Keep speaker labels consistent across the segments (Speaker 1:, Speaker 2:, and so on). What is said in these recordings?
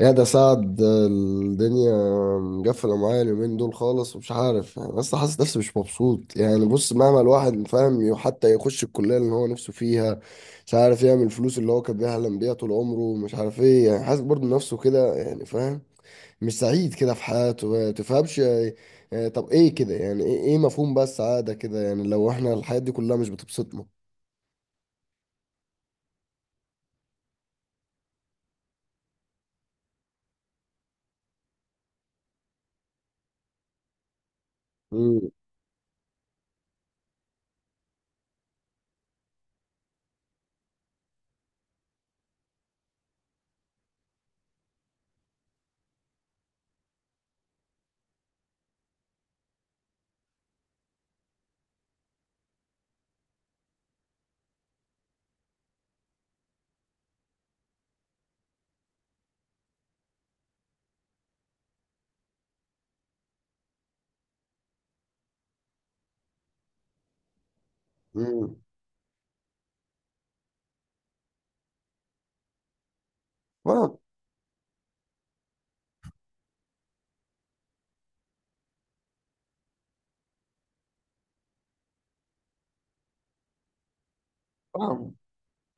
Speaker 1: يا ده سعد الدنيا مقفلة معايا اليومين دول خالص ومش عارف، يعني بس حاسس نفسي مش مبسوط. يعني بص، مهما الواحد فاهم، حتى يخش الكلية اللي هو نفسه فيها، مش عارف يعمل الفلوس اللي هو كان بيحلم بيها طول عمره، مش عارف ايه، يعني حاسس برضه نفسه كده، يعني فاهم، مش سعيد كده في حياته، ما تفهمش يعني. يعني طب ايه كده، يعني ايه، مفهوم بقى السعادة كده، يعني لو احنا الحياة دي كلها مش بتبسطنا. امم. امم. فاهم.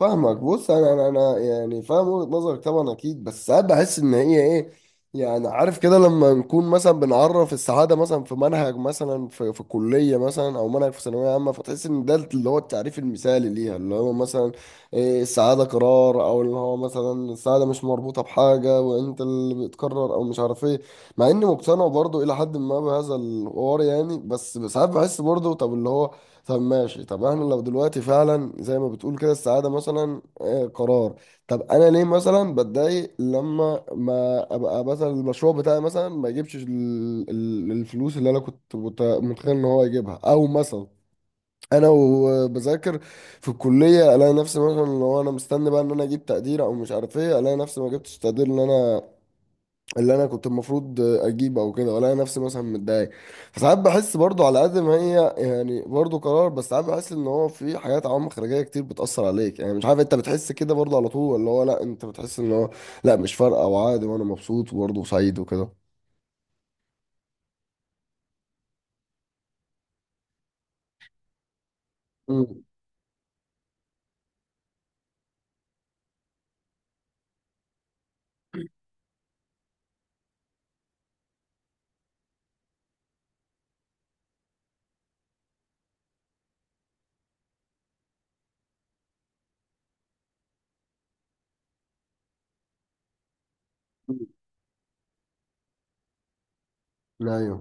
Speaker 1: فاهمك، بص انا يعني فاهم وجهة نظرك طبعا اكيد، بس ساعات بحس ان هي ايه، يعني عارف كده، لما نكون مثلا بنعرف السعاده مثلا في منهج، مثلا في كليه مثلا، او منهج في ثانويه عامه، فتحس ان ده اللي هو التعريف المثالي ليها، اللي هو مثلا السعاده قرار، او اللي هو مثلا السعاده مش مربوطه بحاجه، وانت اللي بتقرر او مش عارف ايه. مع اني مقتنع برضو الى حد ما بهذا الحوار، يعني بس ساعات بحس برضو طب اللي هو، طب ماشي، طب احنا لو دلوقتي فعلا زي ما بتقول كده، السعادة مثلا قرار، طب انا ليه مثلا بتضايق لما ما ابقى مثلا المشروع بتاعي مثلا ما يجيبش الفلوس اللي انا كنت متخيل ان هو يجيبها، او مثلا انا وبذاكر في الكلية، الاقي نفسي مثلا لو انا مستني بقى ان انا اجيب تقدير او مش عارف ايه، الاقي نفسي ما جبتش التقدير اللي انا كنت المفروض اجيبه، او كده، ولا انا نفسي مثلا متضايق. فساعات بحس برضو على قد ما هي يعني برضو قرار، بس ساعات بحس ان هو في حاجات، عوامل خارجيه كتير بتاثر عليك، يعني مش عارف انت بتحس كده برضو على طول، اللي هو لا انت بتحس ان هو لا مش فارقه وعادي وانا مبسوط وبرضو سعيد وكده. امم. ايوه.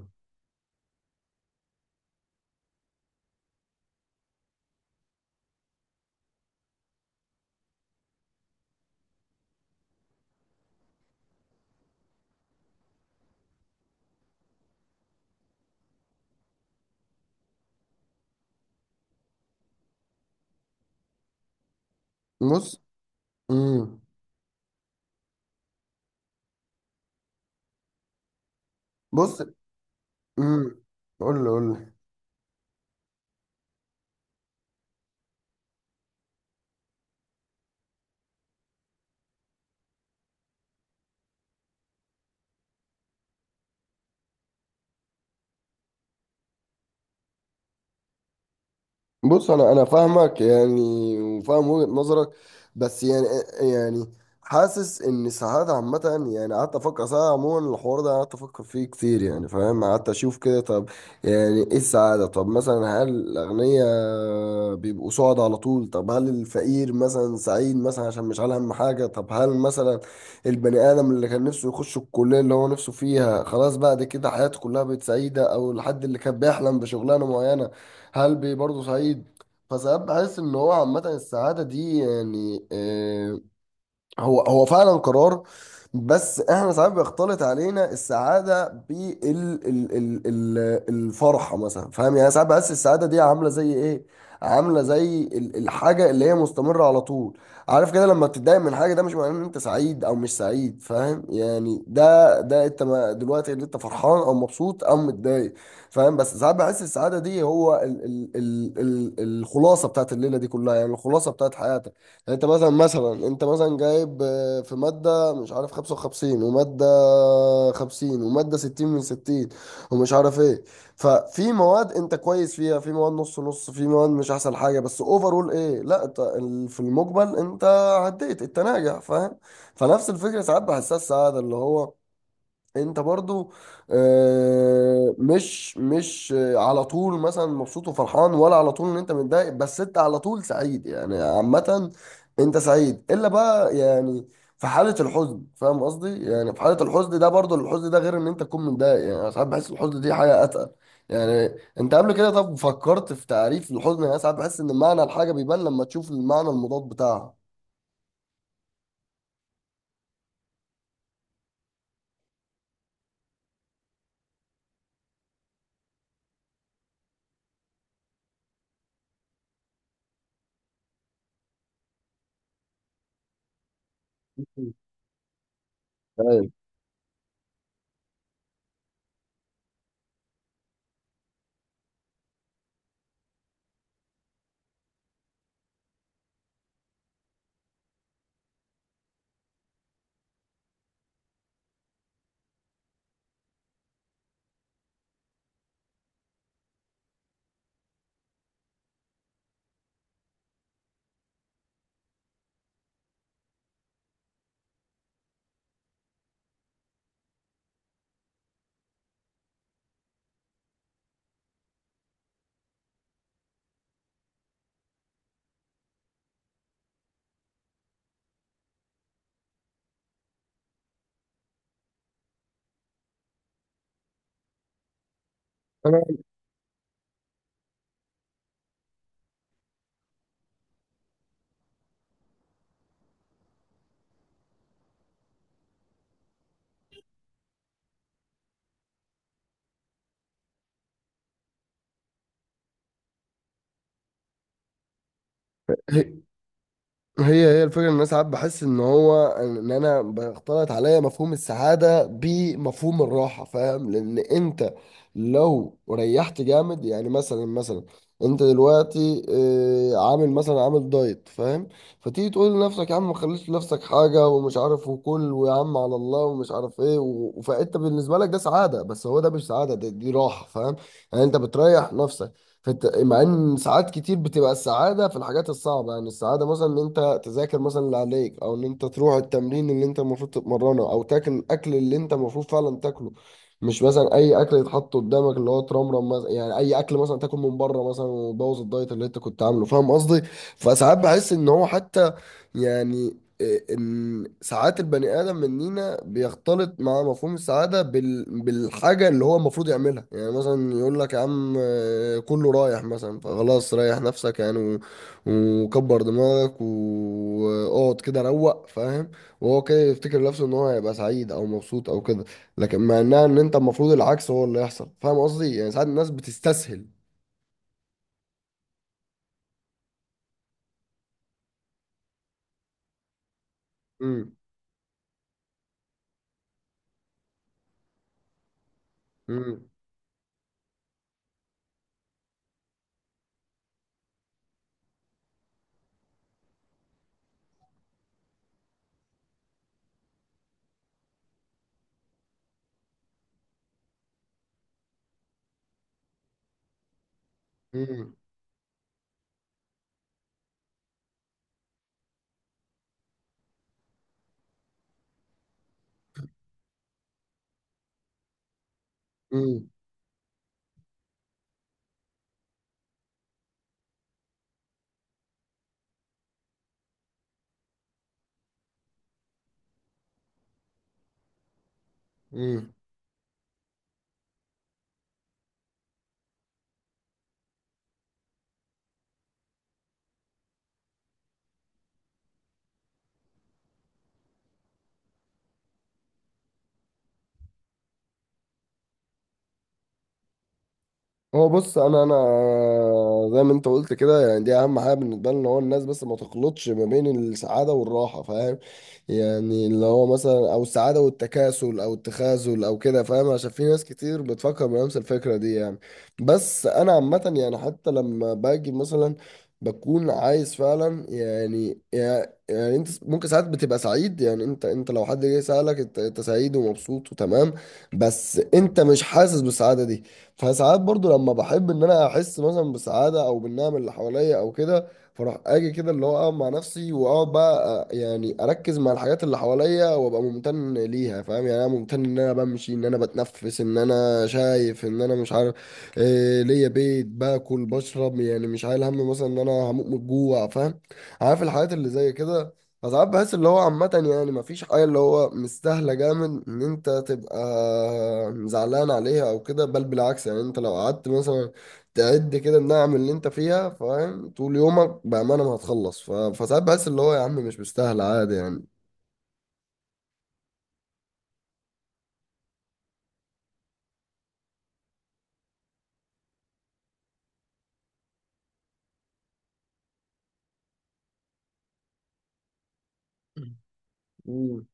Speaker 1: بص. امم. بص. امم. قول لي، قول لي. بص انا فاهمك يعني، وفاهم وجهة نظرك، بس يعني، يعني حاسس ان ساعات عامة، يعني قعدت افكر ساعات، عموما الحوار ده قعدت افكر فيه كتير، يعني فاهم، قعدت اشوف كده طب، يعني ايه السعادة؟ طب مثلا هل الاغنياء بيبقوا سعد على طول؟ طب هل الفقير مثلا سعيد مثلا عشان مش على هم حاجة؟ طب هل مثلا البني ادم اللي كان نفسه يخش الكلية اللي هو نفسه فيها، خلاص بعد كده حياته كلها بقت سعيدة؟ او الحد اللي كان بيحلم بشغلانة معينة، هلبي برضه سعيد؟ فساعات بحس ان هو عامة السعادة دي يعني، هو فعلا قرار، بس احنا ساعات بيختلط علينا السعاده بال ال ال ال الفرحه مثلا، فاهم يعني، ساعات بحس السعاده دي عامله زي ايه، عامله زي الحاجه اللي هي مستمره على طول، عارف كده، لما بتتضايق من حاجه، ده مش معناه ان انت سعيد او مش سعيد، فاهم يعني، ده انت دلوقتي اللي انت فرحان او مبسوط او متضايق، فاهم، بس ساعات بحس السعاده دي هو ال الخلاصه بتاعت الليله دي كلها، يعني الخلاصه بتاعت حياتك، يعني انت مثلا، مثلا انت جايب في مادة مش عارف 55، ومادة 50، ومادة 60 من 60، ومش عارف ايه، ففي مواد انت كويس فيها، في مواد نص نص، في مواد مش احسن حاجة، بس اوفرول ايه، لا انت في المجمل انت عديت، انت ناجح، فاهم. فنفس الفكرة ساعات بحسها السعادة، اللي هو انت برضو مش على طول مثلا مبسوط وفرحان، ولا على طول ان انت متضايق، بس انت على طول سعيد، يعني عامة انت سعيد، الا بقى يعني في حالة الحزن، فاهم قصدي، يعني في حالة الحزن ده برضو، الحزن ده غير ان انت تكون متضايق، يعني انا ساعات بحس الحزن دي حاجة اتقل، يعني انت قبل كده طب فكرت في تعريف الحزن؟ يعني أنا ساعات بحس ان معنى الحاجة بيبان لما تشوف المعنى المضاد بتاعها، فاهم. انا هي هي الفكرة ان انا ساعات بحس ان هو ان انا بختلط عليا مفهوم السعادة بمفهوم الراحة، فاهم، لان انت لو ريحت جامد، يعني مثلا، مثلا انت دلوقتي عامل مثلا، عامل دايت، فاهم، فتيجي تقول لنفسك يا عم ما خليش لنفسك حاجة، ومش عارف، وكل ويا عم على الله، ومش عارف ايه، و... فانت بالنسبة لك ده سعادة، بس هو ده مش سعادة، ده دي راحة، فاهم، يعني انت بتريح نفسك، مع ان ساعات كتير بتبقى السعاده في الحاجات الصعبه، يعني السعاده مثلا ان انت تذاكر مثلا اللي عليك، او ان انت تروح التمرين اللي انت المفروض تتمرنه، او تاكل الاكل اللي انت المفروض فعلا تاكله، مش مثلا اي اكل يتحط قدامك اللي هو ترمرم مثلا، يعني اي اكل مثلا تاكل من بره مثلا، وتبوظ الدايت اللي انت كنت عامله، فاهم قصدي. فساعات بحس ان هو حتى، يعني ان ساعات البني ادم مننا بيختلط مع مفهوم السعاده بالحاجه اللي هو المفروض يعملها، يعني مثلا يقول لك يا عم كله رايح مثلا فخلاص ريح نفسك، يعني و... وكبر دماغك واقعد كده روق، فاهم، وهو كده يفتكر نفسه ان هو هيبقى سعيد او مبسوط او كده، لكن مع انها ان انت المفروض العكس هو اللي يحصل، فاهم قصدي، يعني ساعات الناس بتستسهل. امم. امم. امم. امم. هو بص انا، زي ما انت قلت كده، يعني دي اهم حاجه بالنسبه لنا، هو الناس بس ما تخلطش ما بين السعاده والراحه، فاهم، يعني اللي هو مثلا، او السعاده والتكاسل او التخاذل او كده، فاهم، عشان في ناس كتير بتفكر بنفس الفكره دي، يعني بس انا عامه، يعني حتى لما باجي مثلا بكون عايز فعلا، يعني يعني انت ممكن ساعات بتبقى سعيد، يعني انت لو حد جه سألك انت، أنت سعيد ومبسوط وتمام، بس انت مش حاسس بالسعاده دي. فساعات برضو لما بحب ان انا احس مثلا بسعاده، او بالنعم اللي حواليا او كده، فاروح اجي كده اللي هو اقعد مع نفسي، واقعد بقى يعني اركز مع الحاجات اللي حواليا، وابقى ممتن ليها، فاهم، يعني انا ممتن ان انا بمشي، ان انا بتنفس، ان انا شايف، ان انا مش عارف ليا بيت، باكل بشرب، يعني مش عايل هم مثلا ان انا هموت من الجوع، فاهم، عارف الحاجات اللي زي كده. فساعات بحس اللي هو عامة يعني مفيش حاجة اللي هو مستاهلة جامد إن أنت تبقى زعلان عليها أو كده، بل بالعكس، يعني أنت لو قعدت مثلا تعد كده النعم اللي أنت فيها، فاهم، طول يومك بأمانة ما هتخلص، فساعات بحس اللي هو يا عم مش مستاهلة، عادي يعني.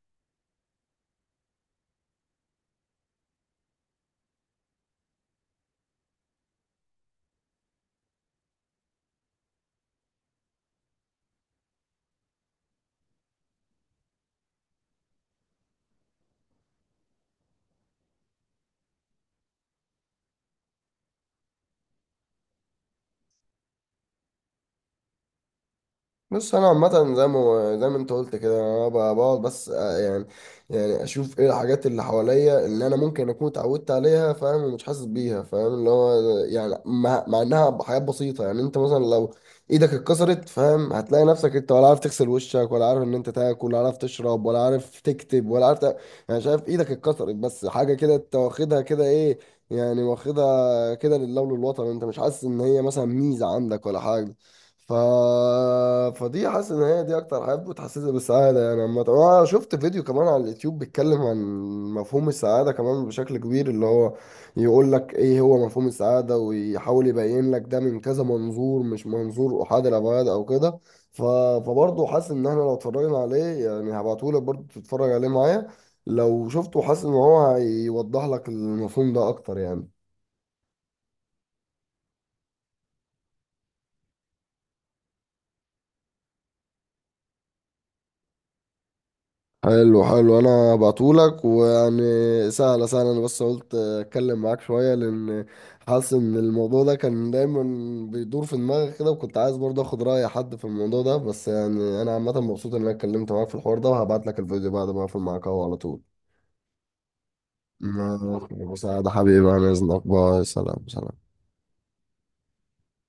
Speaker 1: بص انا عامه، زي ما انت قلت كده، انا بقعد بس يعني، يعني اشوف ايه الحاجات اللي حواليا اللي انا ممكن اكون اتعودت عليها، فاهم، ومش حاسس بيها، فاهم، اللي هو يعني مع انها حاجات بسيطه، يعني انت مثلا لو ايدك اتكسرت، فاهم، هتلاقي نفسك انت ولا عارف تغسل وشك، ولا عارف ان انت تاكل، ولا عارف تشرب، ولا عارف تكتب، ولا عارف يعني شايف، ايدك اتكسرت بس حاجه كده انت واخدها كده ايه، يعني واخدها كده لله وللوطن، انت مش حاسس ان هي مثلا ميزه عندك، ولا حاجه. ف... فدي حاسس ان هي دي اكتر حاجه بتحسسني بالسعاده، يعني عامه انا شفت فيديو كمان على اليوتيوب بيتكلم عن مفهوم السعاده كمان بشكل كبير، اللي هو يقول لك ايه هو مفهوم السعاده، ويحاول يبين لك ده من كذا منظور، مش منظور احاد الابعاد او كده. ف... فبرضه حاسس ان احنا لو اتفرجنا عليه، يعني هبعته لك برضه تتفرج عليه معايا، لو شفته حاسس ان هو هيوضح لك المفهوم ده اكتر يعني. حلو حلو، انا بعتهولك، ويعني سهله سهله، انا بس قلت اتكلم معاك شويه، لان حاسس ان الموضوع ده كان دايما بيدور في دماغي كده، وكنت عايز برضه اخد راي حد في الموضوع ده، بس يعني انا عامه مبسوط ان انا اتكلمت معاك في الحوار ده، وهبعت لك الفيديو بعد ما اقفل معاك اهو على طول. ماشي، بس ده حبيبي، انا اذنك، باي، سلام سلام.